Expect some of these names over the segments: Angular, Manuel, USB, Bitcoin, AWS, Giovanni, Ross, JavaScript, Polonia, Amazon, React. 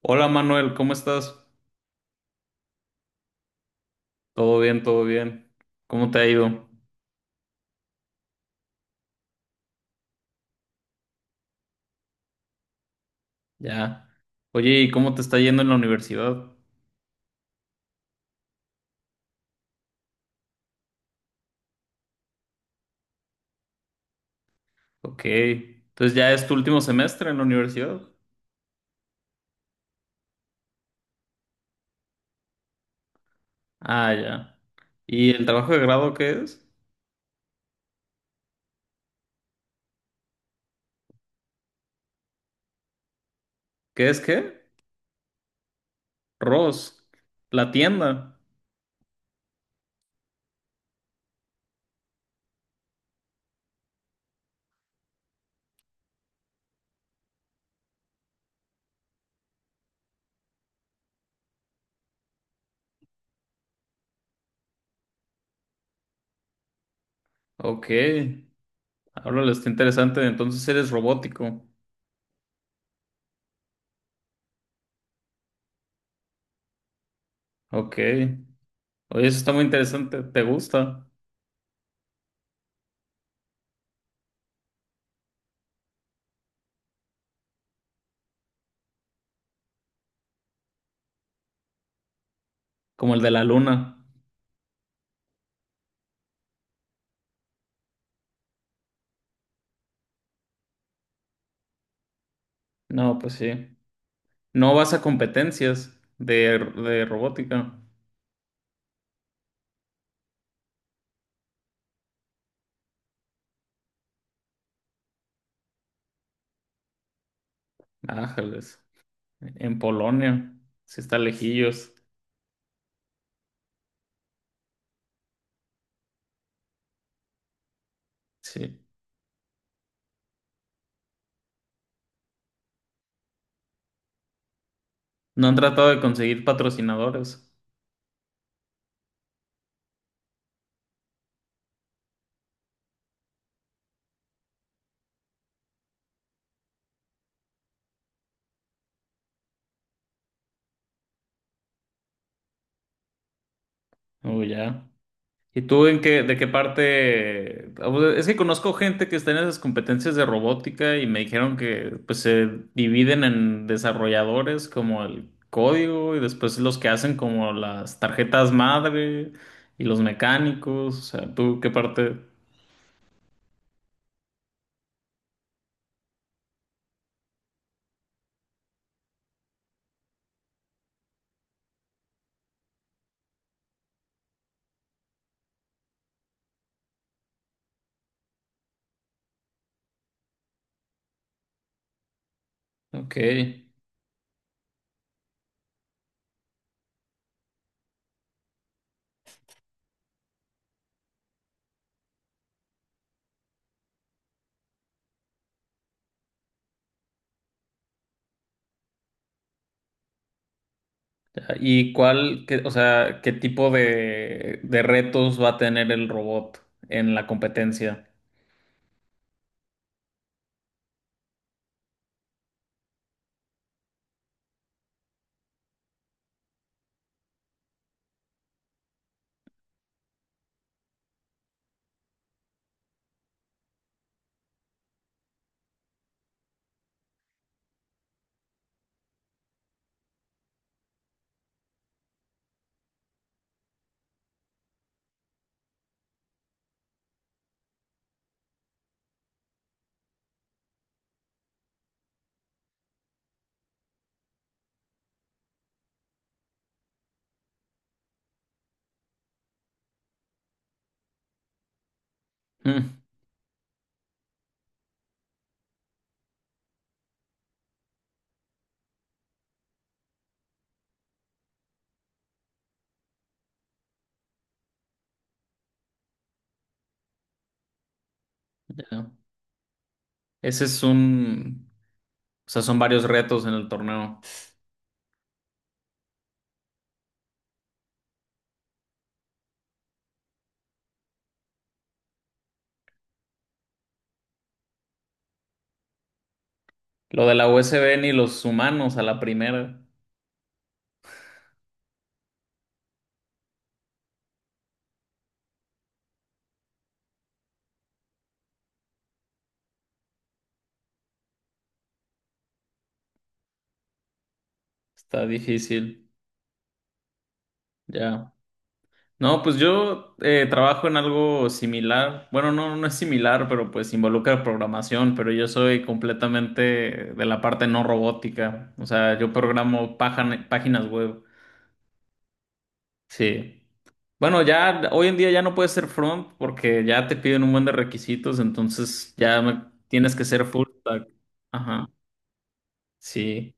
Hola Manuel, ¿cómo estás? Todo bien, todo bien. ¿Cómo te ha ido? Ya. Oye, ¿y cómo te está yendo en la universidad? Ok. Entonces ya es tu último semestre en la universidad. Ah, ya. ¿Y el trabajo de grado qué es? ¿Qué es qué? Ross, la tienda. Ok. Háblale, está interesante. Entonces eres robótico. Ok. Oye, eso está muy interesante. ¿Te gusta? Como el de la luna. No, pues sí. No vas a competencias de robótica. Ájales. En Polonia. Sí está lejillos. Sí. No han tratado de conseguir patrocinadores. Oh, ya. ¿Y tú en qué, de qué parte? Ah, pues, es que conozco gente que está en esas competencias de robótica y me dijeron que pues se dividen en desarrolladores como el código y después los que hacen como las tarjetas madre y los mecánicos. O sea, ¿tú qué parte? Ok. ¿Y cuál, qué- o sea, qué tipo de retos va a tener el robot en la competencia? Mm, ya. Ese es un, o sea, son varios retos en el torneo. Lo de la USB ni los humanos a la primera. Está difícil. Ya. No, pues yo trabajo en algo similar. Bueno, no, no es similar, pero pues involucra programación, pero yo soy completamente de la parte no robótica. O sea, yo programo páginas web. Sí. Bueno, ya hoy en día ya no puedes ser front porque ya te piden un buen de requisitos, entonces ya me- tienes que ser full stack. Ajá, sí.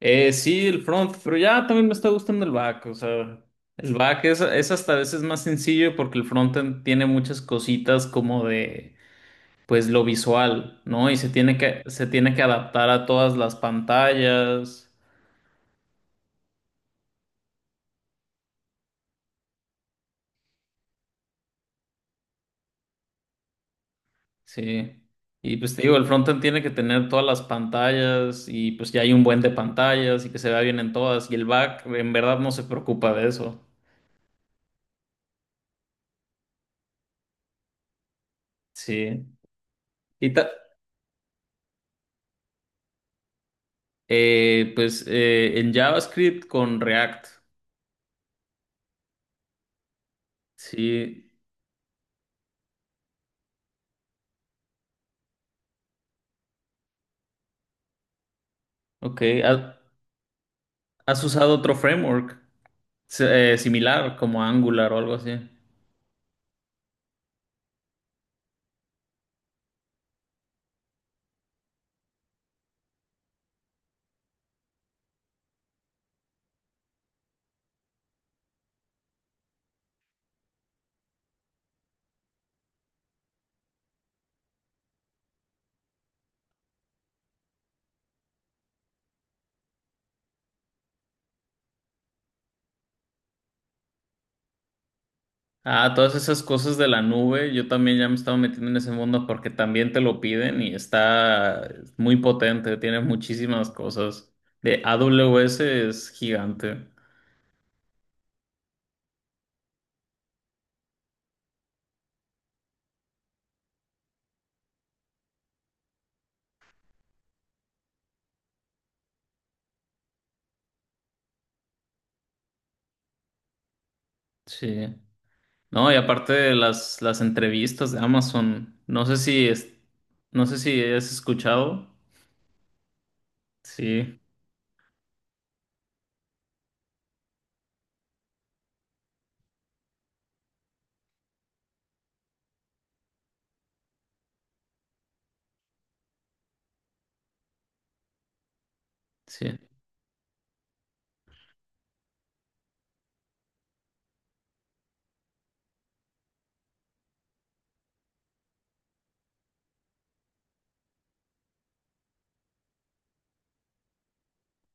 Sí, el front, pero ya también me está gustando el back, o sea, el back es hasta a veces más sencillo porque el frontend tiene muchas cositas como de, pues, lo visual, ¿no? Y se tiene que adaptar a todas las pantallas. Sí. Y pues te digo, el frontend tiene que tener todas las pantallas y pues ya hay un buen de pantallas y que se vea bien en todas. Y el back en verdad no se preocupa de eso. Sí. Y ta- en JavaScript con React. Sí. Ok. ¿Ha- ¿Has usado otro framework se- similar como Angular o algo así? Ah, todas esas cosas de la nube, yo también ya me estaba metiendo en ese mundo porque también te lo piden y está muy potente, tiene muchísimas cosas. De AWS es gigante. Sí. No, y aparte de las entrevistas de Amazon, no sé si es, no sé si has escuchado. Sí, sí.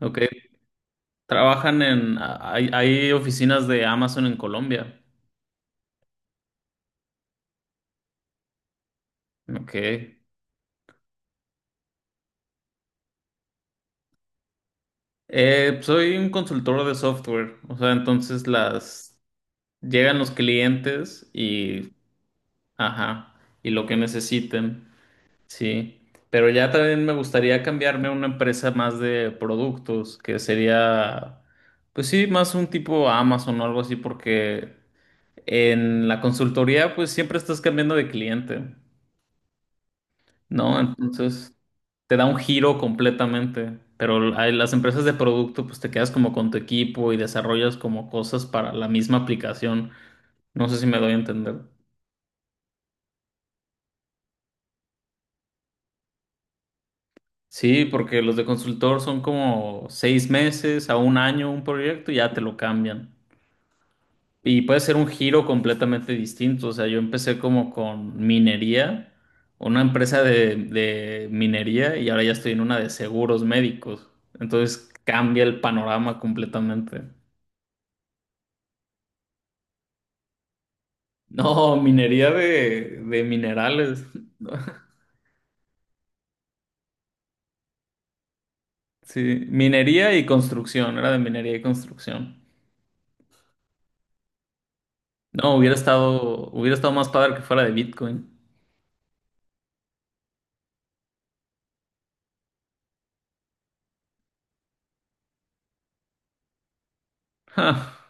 Ok. Trabajan en, hay oficinas de Amazon en Colombia. Ok. Soy un consultor de software, o sea, entonces las llegan los clientes y, ajá, y lo que necesiten, sí. Pero ya también me gustaría cambiarme a una empresa más de productos, que sería, pues sí, más un tipo Amazon o algo así, porque en la consultoría, pues siempre estás cambiando de cliente, ¿no? Entonces te da un giro completamente. Pero a las empresas de producto, pues te quedas como con tu equipo y desarrollas como cosas para la misma aplicación. No sé si me doy a entender. Sí, porque los de consultor son como seis meses a un año un proyecto y ya te lo cambian. Y puede ser un giro completamente distinto. O sea, yo empecé como con minería, una empresa de minería y ahora ya estoy en una de seguros médicos. Entonces cambia el panorama completamente. No, minería de minerales. Sí, minería y construcción, era de minería y construcción. No, hubiera estado más padre que fuera de Bitcoin.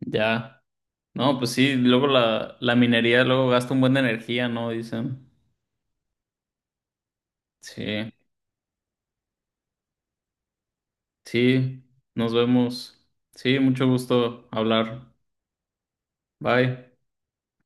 Ya. No, pues sí, luego la, la minería luego gasta un buen de energía, ¿no? Dicen. Sí, sí, nos vemos. Sí, mucho gusto hablar. Bye.